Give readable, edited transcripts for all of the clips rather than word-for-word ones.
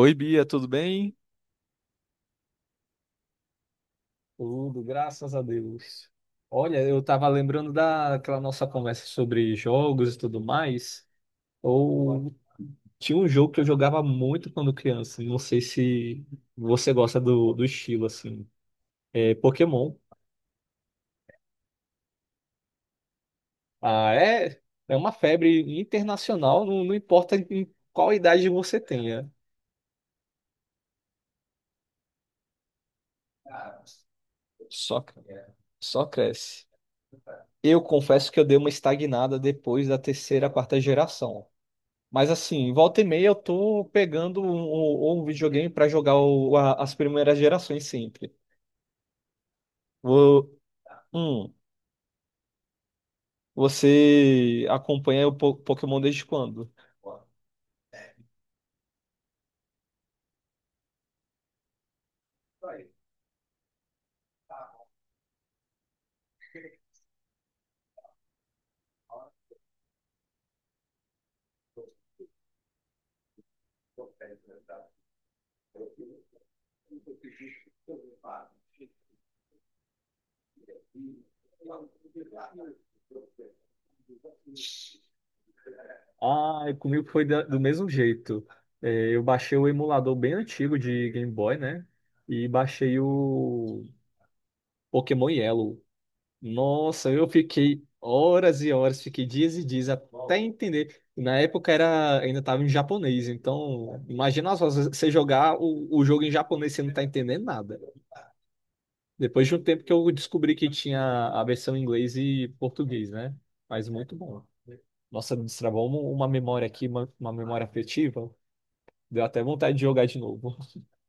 Oi, Bia, tudo bem? Tudo, graças a Deus. Olha, eu estava lembrando daquela nossa conversa sobre jogos e tudo mais. Ou tinha um jogo que eu jogava muito quando criança. Não sei se você gosta do estilo, assim. É Pokémon. Ah, é, é uma febre internacional, não importa em qual idade você tenha. Só, só cresce. Eu confesso que eu dei uma estagnada depois da terceira, quarta geração. Mas assim, volta e meia eu tô pegando um videogame pra jogar as primeiras gerações sempre. Vou, hum, você acompanha o Pokémon desde quando? Ah, comigo foi do mesmo jeito. É, eu baixei o emulador bem antigo de Game Boy, né? E baixei o Pokémon Yellow. Nossa, eu fiquei horas e horas, fiquei dias e dias até entender. Na época era, ainda estava em japonês, então imagina só você jogar o jogo em japonês e você não tá entendendo nada. Depois de um tempo que eu descobri que tinha a versão em inglês e português, né? Mas muito bom. Nossa, me destravou uma memória aqui, uma memória afetiva. Deu até vontade de jogar de novo.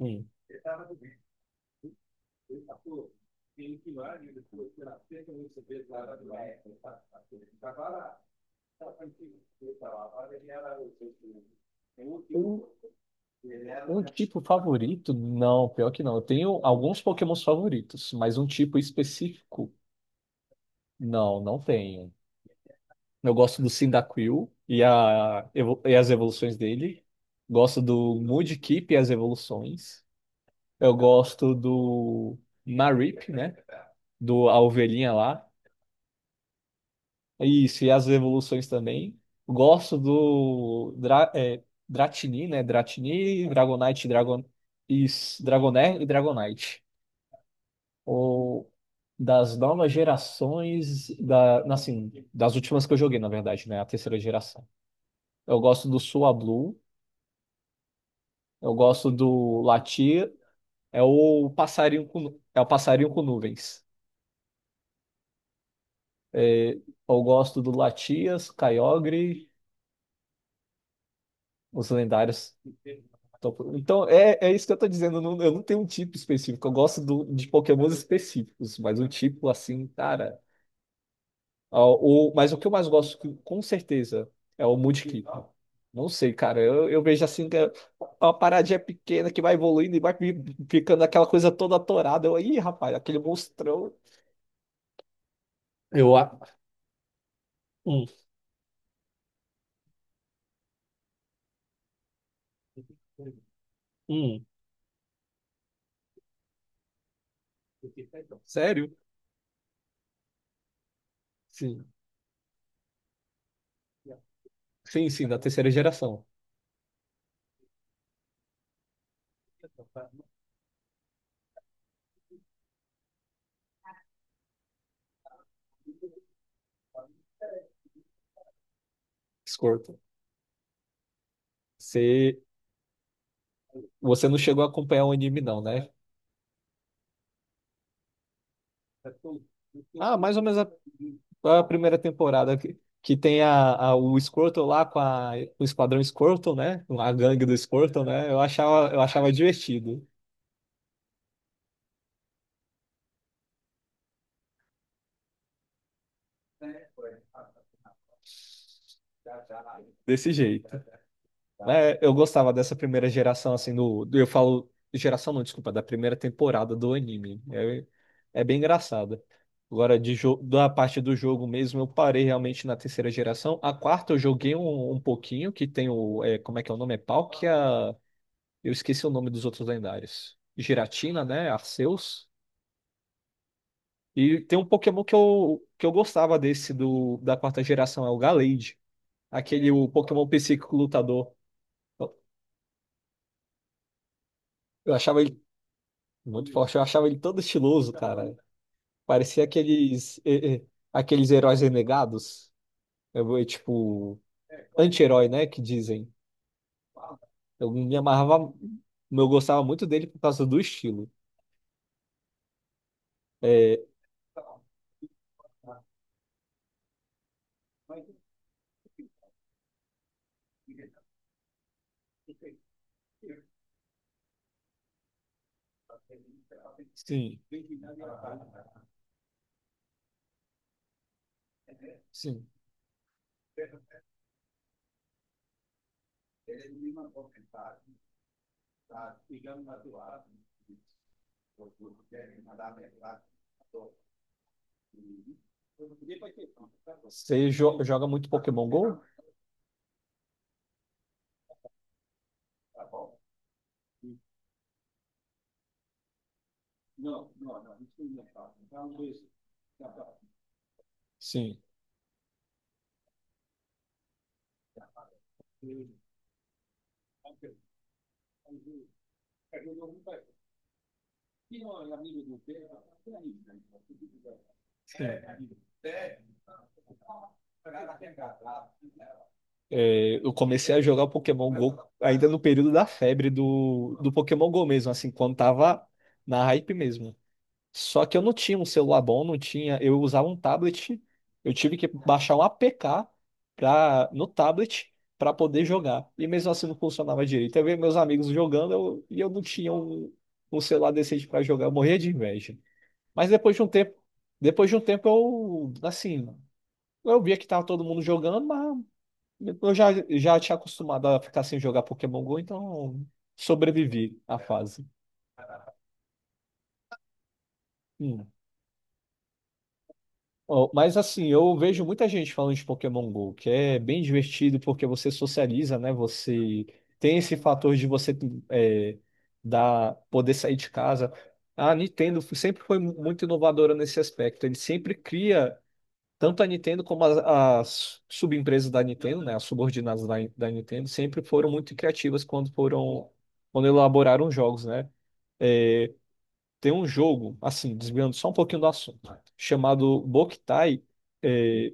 Hum. Um tipo favorito? Não, pior que não. Eu tenho alguns Pokémons favoritos, mas um tipo específico. Não tenho. Eu gosto do Cyndaquil e e as evoluções dele. Gosto do Mudkip e as evoluções. Eu gosto do Marip, né? Do, a ovelhinha lá. Isso, e as evoluções também. Gosto do Dra, é, Dratini, né? Dratini, Dragonite, isso, Dragonair e Dragonite. Ou das novas gerações, da, assim, das últimas que eu joguei, na verdade, né? A terceira geração. Eu gosto do Sua Blue, eu gosto do Latir, é o passarinho é o passarinho com nuvens. É, eu gosto do Latias, Kyogre, os lendários. Então, então, é, é isso que eu tô dizendo, eu não tenho um tipo específico, eu gosto de Pokémons específicos, mas um tipo assim, cara. Ah, o, mas o que eu mais gosto, com certeza, é o Moonkick. Não sei, cara. Eu vejo assim que é uma paradinha pequena que vai evoluindo e vai ficando aquela coisa toda atorada. Ih, rapaz, aquele monstrão. Eu, a- hum, hum. Sério? Sim. Sim, sim, da terceira geração. Escorto. Você, você não chegou a acompanhar o anime, não, né? Ah, mais ou menos a primeira temporada que tem o Squirtle lá com o Esquadrão Squirtle, né? A gangue do Squirtle, né? Eu achava divertido desse jeito. Né? Eu gostava dessa primeira geração, assim, eu falo geração não, desculpa, da primeira temporada do anime. É, é bem engraçado. Agora, da parte do jogo mesmo, eu parei realmente na terceira geração. A quarta eu joguei um pouquinho, que tem o, é, como é que é o nome? É Palkia? Eu esqueci o nome dos outros lendários. Giratina, né? Arceus. E tem um Pokémon que eu gostava desse da quarta geração, é o Gallade. Aquele o Pokémon psíquico lutador. Eu, eu achava ele muito forte, eu achava ele todo estiloso, cara. Parecia aqueles, aqueles heróis renegados. Tipo, anti-herói, né? Que dizem. Eu me amarrava, eu gostava muito dele por causa do estilo. Sim, sim. Você joga muito Pokémon Go? Sim. Sim. É, eu comecei a jogar o Pokémon Go ainda no período da febre do Pokémon Go mesmo, assim, quando tava na hype mesmo. Só que eu não tinha um celular bom, não tinha. Eu usava um tablet, eu tive que baixar um APK pra, no tablet para poder jogar. E mesmo assim não funcionava direito. Eu via meus amigos jogando e eu não tinha um celular decente para jogar, eu morria de inveja. Mas depois de um tempo, depois de um tempo eu, assim, eu via que tava todo mundo jogando, mas. Já tinha acostumado a ficar sem jogar Pokémon Go, então sobrevivi à fase. Hum. Ó, mas assim, eu vejo muita gente falando de Pokémon Go, que é bem divertido porque você socializa, né? Você tem esse fator de você é, dar, poder sair de casa. A Nintendo sempre foi muito inovadora nesse aspecto. Ele sempre cria. Tanto a Nintendo como as subempresas da Nintendo, né, as subordinadas da Nintendo, sempre foram muito criativas quando foram, quando elaboraram jogos, né? Tem um jogo, assim, desviando só um pouquinho do assunto, chamado Boktai, eh,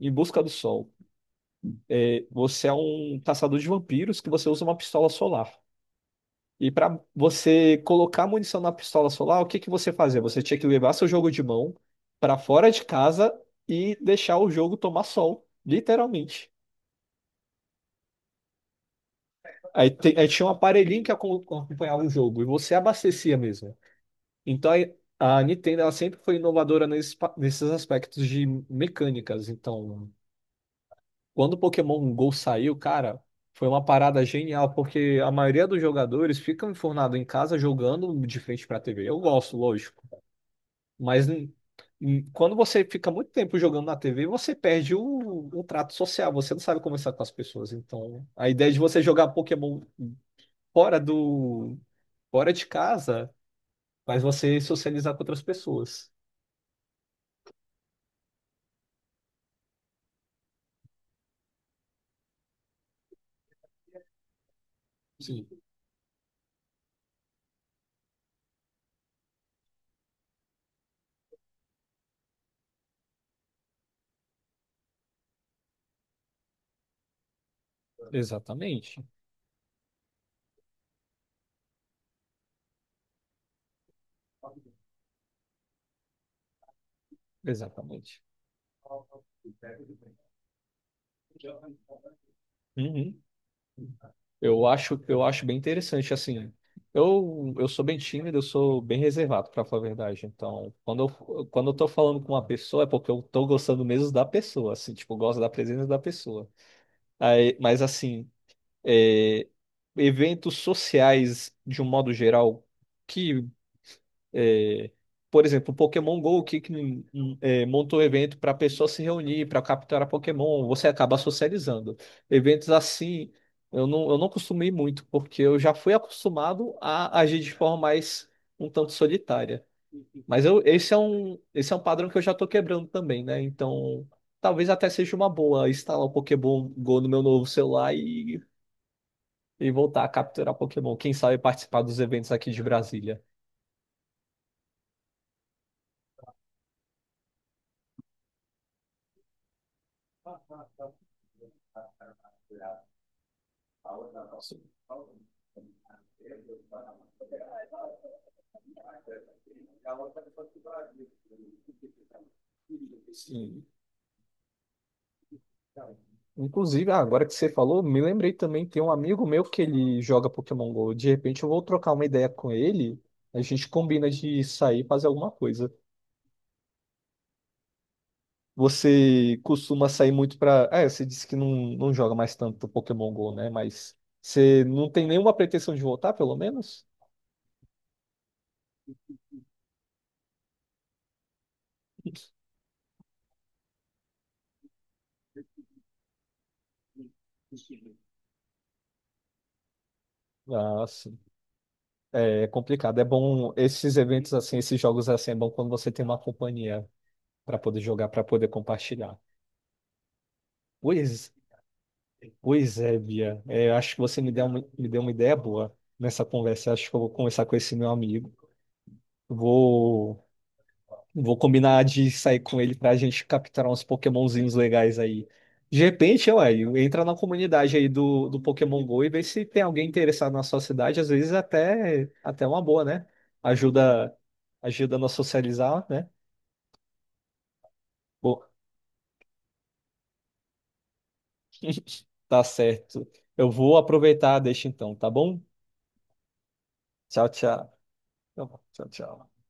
Em Busca do Sol. É, você é um caçador de vampiros que você usa uma pistola solar. E para você colocar munição na pistola solar, o que que você fazia? Você tinha que levar seu jogo de mão para fora de casa e deixar o jogo tomar sol, literalmente. Aí tinha um aparelhinho que acompanhava o jogo e você abastecia mesmo. Então aí, a Nintendo ela sempre foi inovadora nesses, nesses aspectos de mecânicas. Então, quando o Pokémon Go saiu, cara, foi uma parada genial, porque a maioria dos jogadores ficam enfurnados em casa jogando de frente para a TV. Eu gosto, lógico, mas quando você fica muito tempo jogando na TV, você perde o trato social, você não sabe conversar com as pessoas. Então, a ideia de você jogar Pokémon fora do fora de casa faz você socializar com outras pessoas. Sim, exatamente, exatamente. Uhum. Eu acho bem interessante, assim. Eu sou bem tímido, eu sou bem reservado, para falar a verdade. Então, quando eu tô falando com uma pessoa, é porque eu tô gostando mesmo da pessoa, assim, tipo, eu gosto da presença da pessoa. Aí, mas, assim, é, eventos sociais, de um modo geral, que é, por exemplo, o Pokémon Go que montou um evento para pessoas se reunir, para capturar Pokémon, você acaba socializando. Eventos assim, eu não costumo ir muito, porque eu já fui acostumado a agir de forma mais um tanto solitária. Mas eu, esse é um padrão que eu já estou quebrando também, né? Então, talvez até seja uma boa instalar o Pokémon Go no meu novo celular e voltar a capturar Pokémon. Quem sabe participar dos eventos aqui de Brasília. Sim. Inclusive, ah, agora que você falou, me lembrei também, tem um amigo meu que ele joga Pokémon Go. De repente eu vou trocar uma ideia com ele, a gente combina de sair e fazer alguma coisa. Você costuma sair muito pra. Ah, é, você disse que não joga mais tanto Pokémon Go, né? Mas você não tem nenhuma pretensão de voltar, pelo menos? Ah, sim. É complicado. É bom esses eventos assim, esses jogos assim, é bom quando você tem uma companhia para poder jogar, para poder compartilhar. Pois é. Pois é, Bia. É, eu acho que você me deu uma ideia boa nessa conversa. Eu acho que eu vou conversar com esse meu amigo. Vou, vou combinar de sair com ele para a gente capturar uns Pokémonzinhos legais aí. De repente, ué, entra na comunidade aí do Pokémon Go e vê se tem alguém interessado na sua cidade. Às vezes até uma boa, né? Ajuda ajuda a nós socializar, né? Bom, tá certo. Eu vou aproveitar, deixa então, tá bom? Tchau, tchau. Tá bom, tchau, tchau.